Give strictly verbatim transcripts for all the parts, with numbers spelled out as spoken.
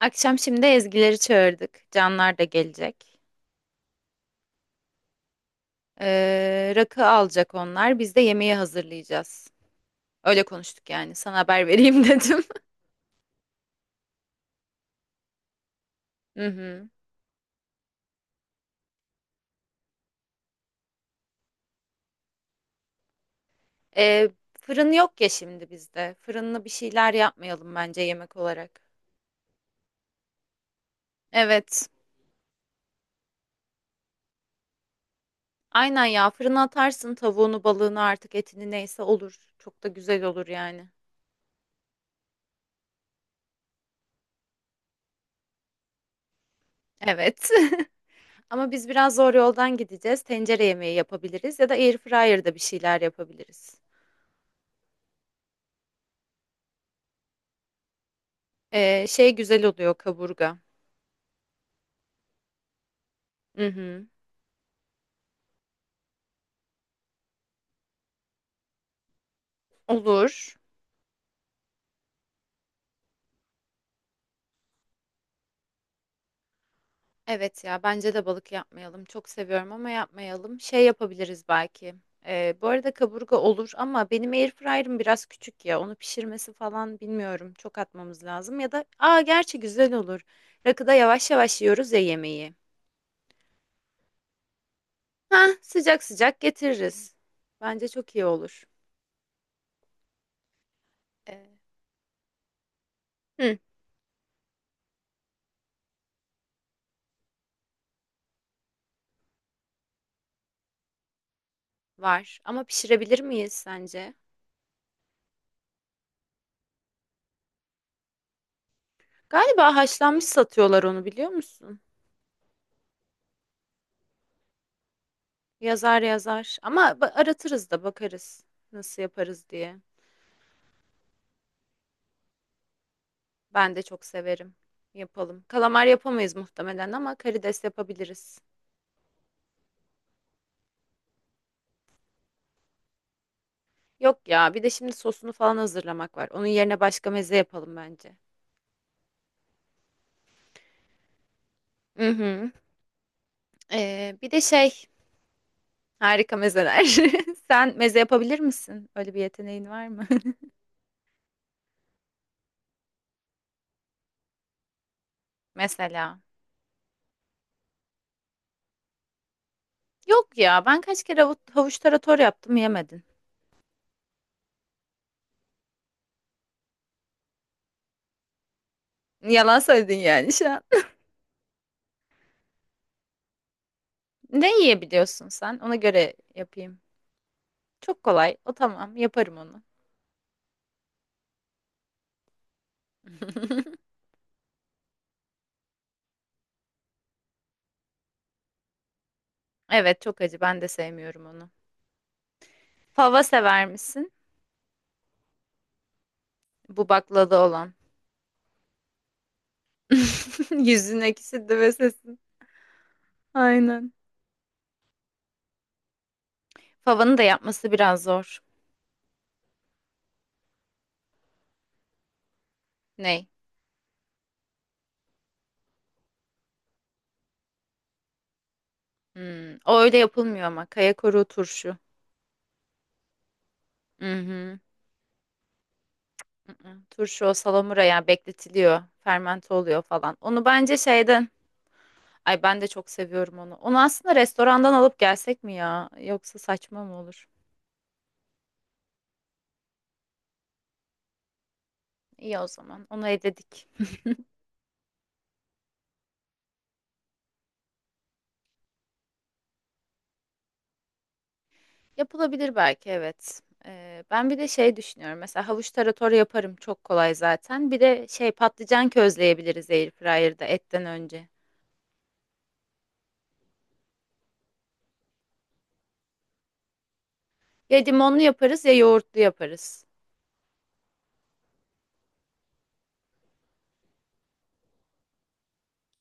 Akşam şimdi Ezgileri çağırdık. Canlar da gelecek. Ee, rakı alacak onlar. Biz de yemeği hazırlayacağız. Öyle konuştuk yani. Sana haber vereyim dedim. Hı hı. Ee, Fırın yok ya şimdi bizde. Fırınlı bir şeyler yapmayalım bence yemek olarak. Evet. Aynen ya. Fırına atarsın tavuğunu, balığını artık etini neyse olur. Çok da güzel olur yani. Evet. Ama biz biraz zor yoldan gideceğiz. Tencere yemeği yapabiliriz ya da airfryer'da bir şeyler yapabiliriz. Ee, şey güzel oluyor kaburga. Hı hı. Olur. Evet ya bence de balık yapmayalım. Çok seviyorum ama yapmayalım. Şey yapabiliriz belki. Ee, bu arada kaburga olur ama benim airfryer'ım biraz küçük ya. Onu pişirmesi falan bilmiyorum. Çok atmamız lazım. Ya da aa gerçi güzel olur. Rakıda yavaş yavaş yiyoruz ya yemeği. Ha sıcak sıcak getiririz. Bence çok iyi olur. Ee, hı, var ama pişirebilir miyiz sence? Galiba haşlanmış satıyorlar onu biliyor musun? Yazar yazar. Ama ba- aratırız da bakarız nasıl yaparız diye. Ben de çok severim. Yapalım. Kalamar yapamayız muhtemelen ama karides yapabiliriz. Yok ya, bir de şimdi sosunu falan hazırlamak var. Onun yerine başka meze yapalım bence. Hı hı. Ee, bir de şey, harika mezeler. Sen meze yapabilir misin? Öyle bir yeteneğin var mı? Mesela. Yok ya, ben kaç kere havu- havuç tarator yaptım yemedin. Yalan söyledin yani şu an. Ne yiyebiliyorsun sen? Ona göre yapayım. Çok kolay. O tamam. Yaparım onu. Evet çok acı. Ben de sevmiyorum onu. Fava sever misin? Bu baklada olan. Yüzün ekşidi ve sesin. Aynen. Favanın da yapması biraz zor. Ney? Hmm, o öyle yapılmıyor ama. Kaya koruğu turşu. Hı-hı. Turşu o salamura ya bekletiliyor. Fermente oluyor falan. Onu bence şeyden. Ay ben de çok seviyorum onu. Onu aslında restorandan alıp gelsek mi ya? Yoksa saçma mı olur? İyi o zaman. Onu eledik. Yapılabilir belki evet. Ee, ben bir de şey düşünüyorum. Mesela havuç tarator yaparım çok kolay zaten. Bir de şey patlıcan közleyebiliriz airfryer'da etten önce. Ya limonlu yaparız ya yoğurtlu yaparız.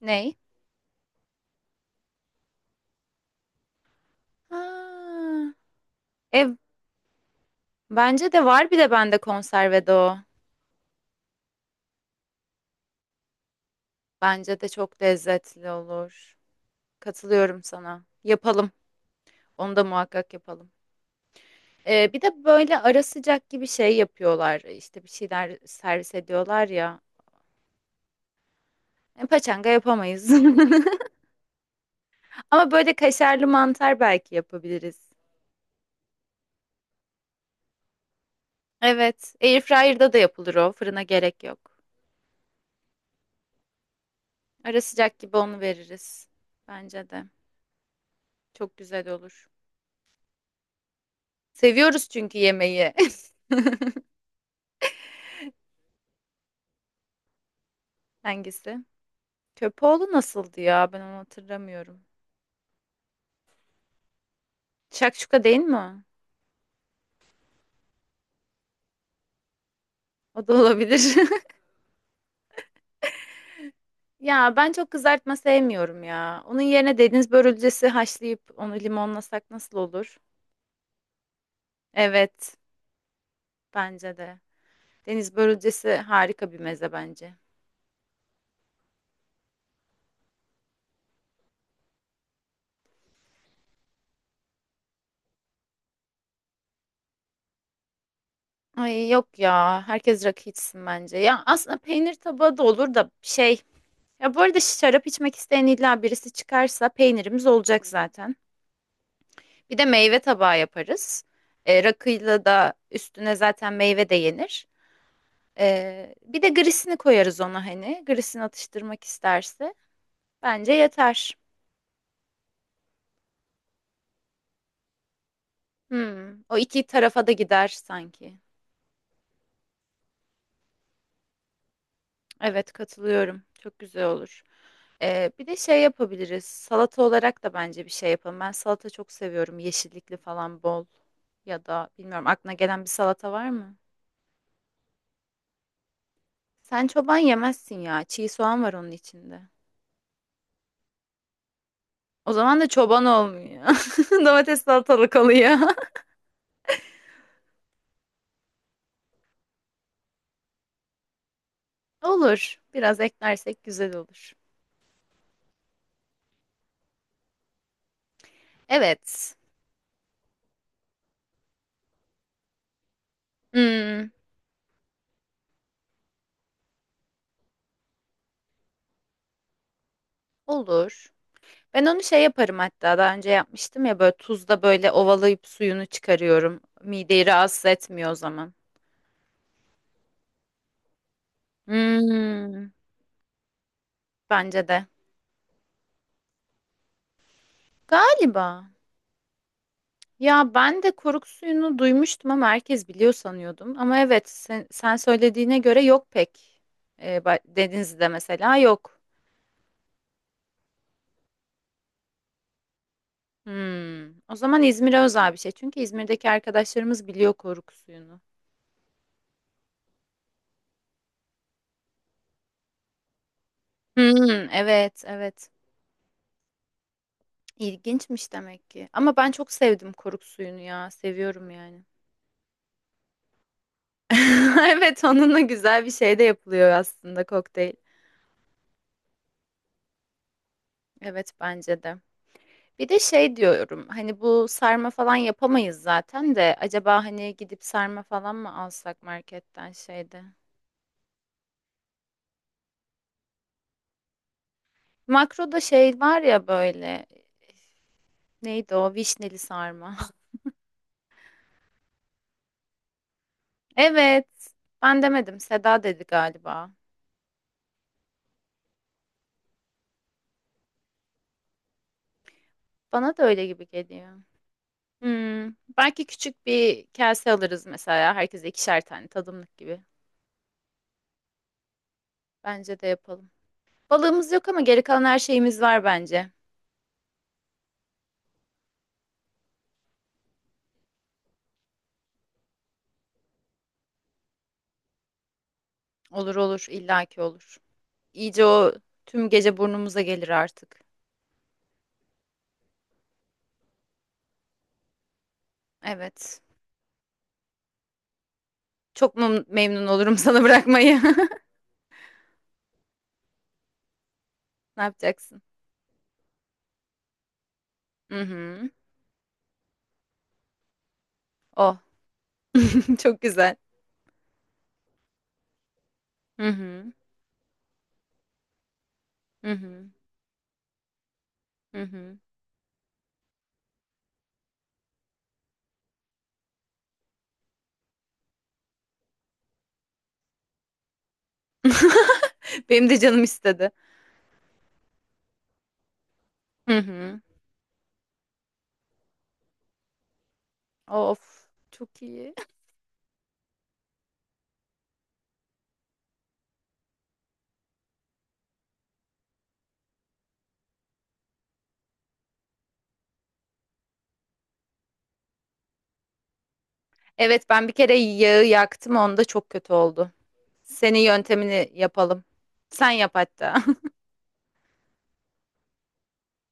Ney? Ha, e, bence de var bir de bende konservede o. Bence de çok lezzetli olur. Katılıyorum sana. Yapalım. Onu da muhakkak yapalım. Ee, bir de böyle ara sıcak gibi şey yapıyorlar. İşte bir şeyler servis ediyorlar ya. E, paçanga yapamayız. Ama böyle kaşarlı mantar belki yapabiliriz. Evet, airfryer'da da yapılır o. Fırına gerek yok. Ara sıcak gibi onu veririz. Bence de. Çok güzel olur. Seviyoruz çünkü yemeği. Hangisi? Köpoğlu nasıldı ya? Ben onu hatırlamıyorum. Şakşuka değil mi? O? O da olabilir. Ya ben çok kızartma sevmiyorum ya. Onun yerine deniz börülcesi haşlayıp onu limonlasak nasıl olur? Evet, bence de. Deniz börülcesi harika bir meze bence. Ay yok ya. Herkes rakı içsin bence. Ya aslında peynir tabağı da olur da şey. Ya bu arada şarap içmek isteyen illa birisi çıkarsa peynirimiz olacak zaten. Bir de meyve tabağı yaparız. E, rakıyla da üstüne zaten meyve de yenir. E, bir de grisini koyarız ona hani. Grisini atıştırmak isterse. Bence yeter. Hmm, o iki tarafa da gider sanki. Evet katılıyorum. Çok güzel olur. Ee, bir de şey yapabiliriz. Salata olarak da bence bir şey yapalım. Ben salata çok seviyorum. Yeşillikli falan bol. Ya da bilmiyorum aklına gelen bir salata var mı? Sen çoban yemezsin ya. Çiğ soğan var onun içinde. O zaman da çoban olmuyor. Domates salatalık oluyor. Olur. Biraz eklersek güzel olur. Evet. Hmm, olur. Ben onu şey yaparım hatta daha önce yapmıştım ya böyle tuzla böyle ovalayıp suyunu çıkarıyorum. Mideyi rahatsız etmiyor o zaman. Hmm, bence de. Galiba. Ya ben de koruk suyunu duymuştum ama herkes biliyor sanıyordum. Ama evet sen, sen söylediğine göre yok pek. Ee, ba- Denizli'de mesela yok. Hmm, o zaman İzmir'e özel bir şey. Çünkü İzmir'deki arkadaşlarımız biliyor koruk suyunu. Hmm, evet evet. İlginçmiş demek ki. Ama ben çok sevdim koruk suyunu ya. Seviyorum yani. Evet onunla güzel bir şey de yapılıyor aslında kokteyl. Evet bence de. Bir de şey diyorum hani bu sarma falan yapamayız zaten de acaba hani gidip sarma falan mı alsak marketten şeyde. Makroda şey var ya böyle neydi o vişneli sarma. Evet ben demedim Seda dedi galiba. Bana da öyle gibi geliyor. Hmm, belki küçük bir kase alırız mesela. Herkese ikişer tane tadımlık gibi. Bence de yapalım. Balığımız yok ama geri kalan her şeyimiz var bence. Olur olur illaki olur. İyice o tüm gece burnumuza gelir artık. Evet. Çok mum- memnun olurum sana bırakmayı. Ne yapacaksın? Hı hı. Oh. Çok güzel. Hı hı. Hı hı. Hı hı. Benim de canım istedi. Hı hı. Of. Çok iyi. Evet ben bir kere yağı yaktım onda çok kötü oldu. Senin yöntemini yapalım. Sen yap hatta.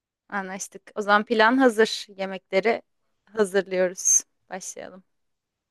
Anlaştık. O zaman plan hazır. Yemekleri hazırlıyoruz. Başlayalım.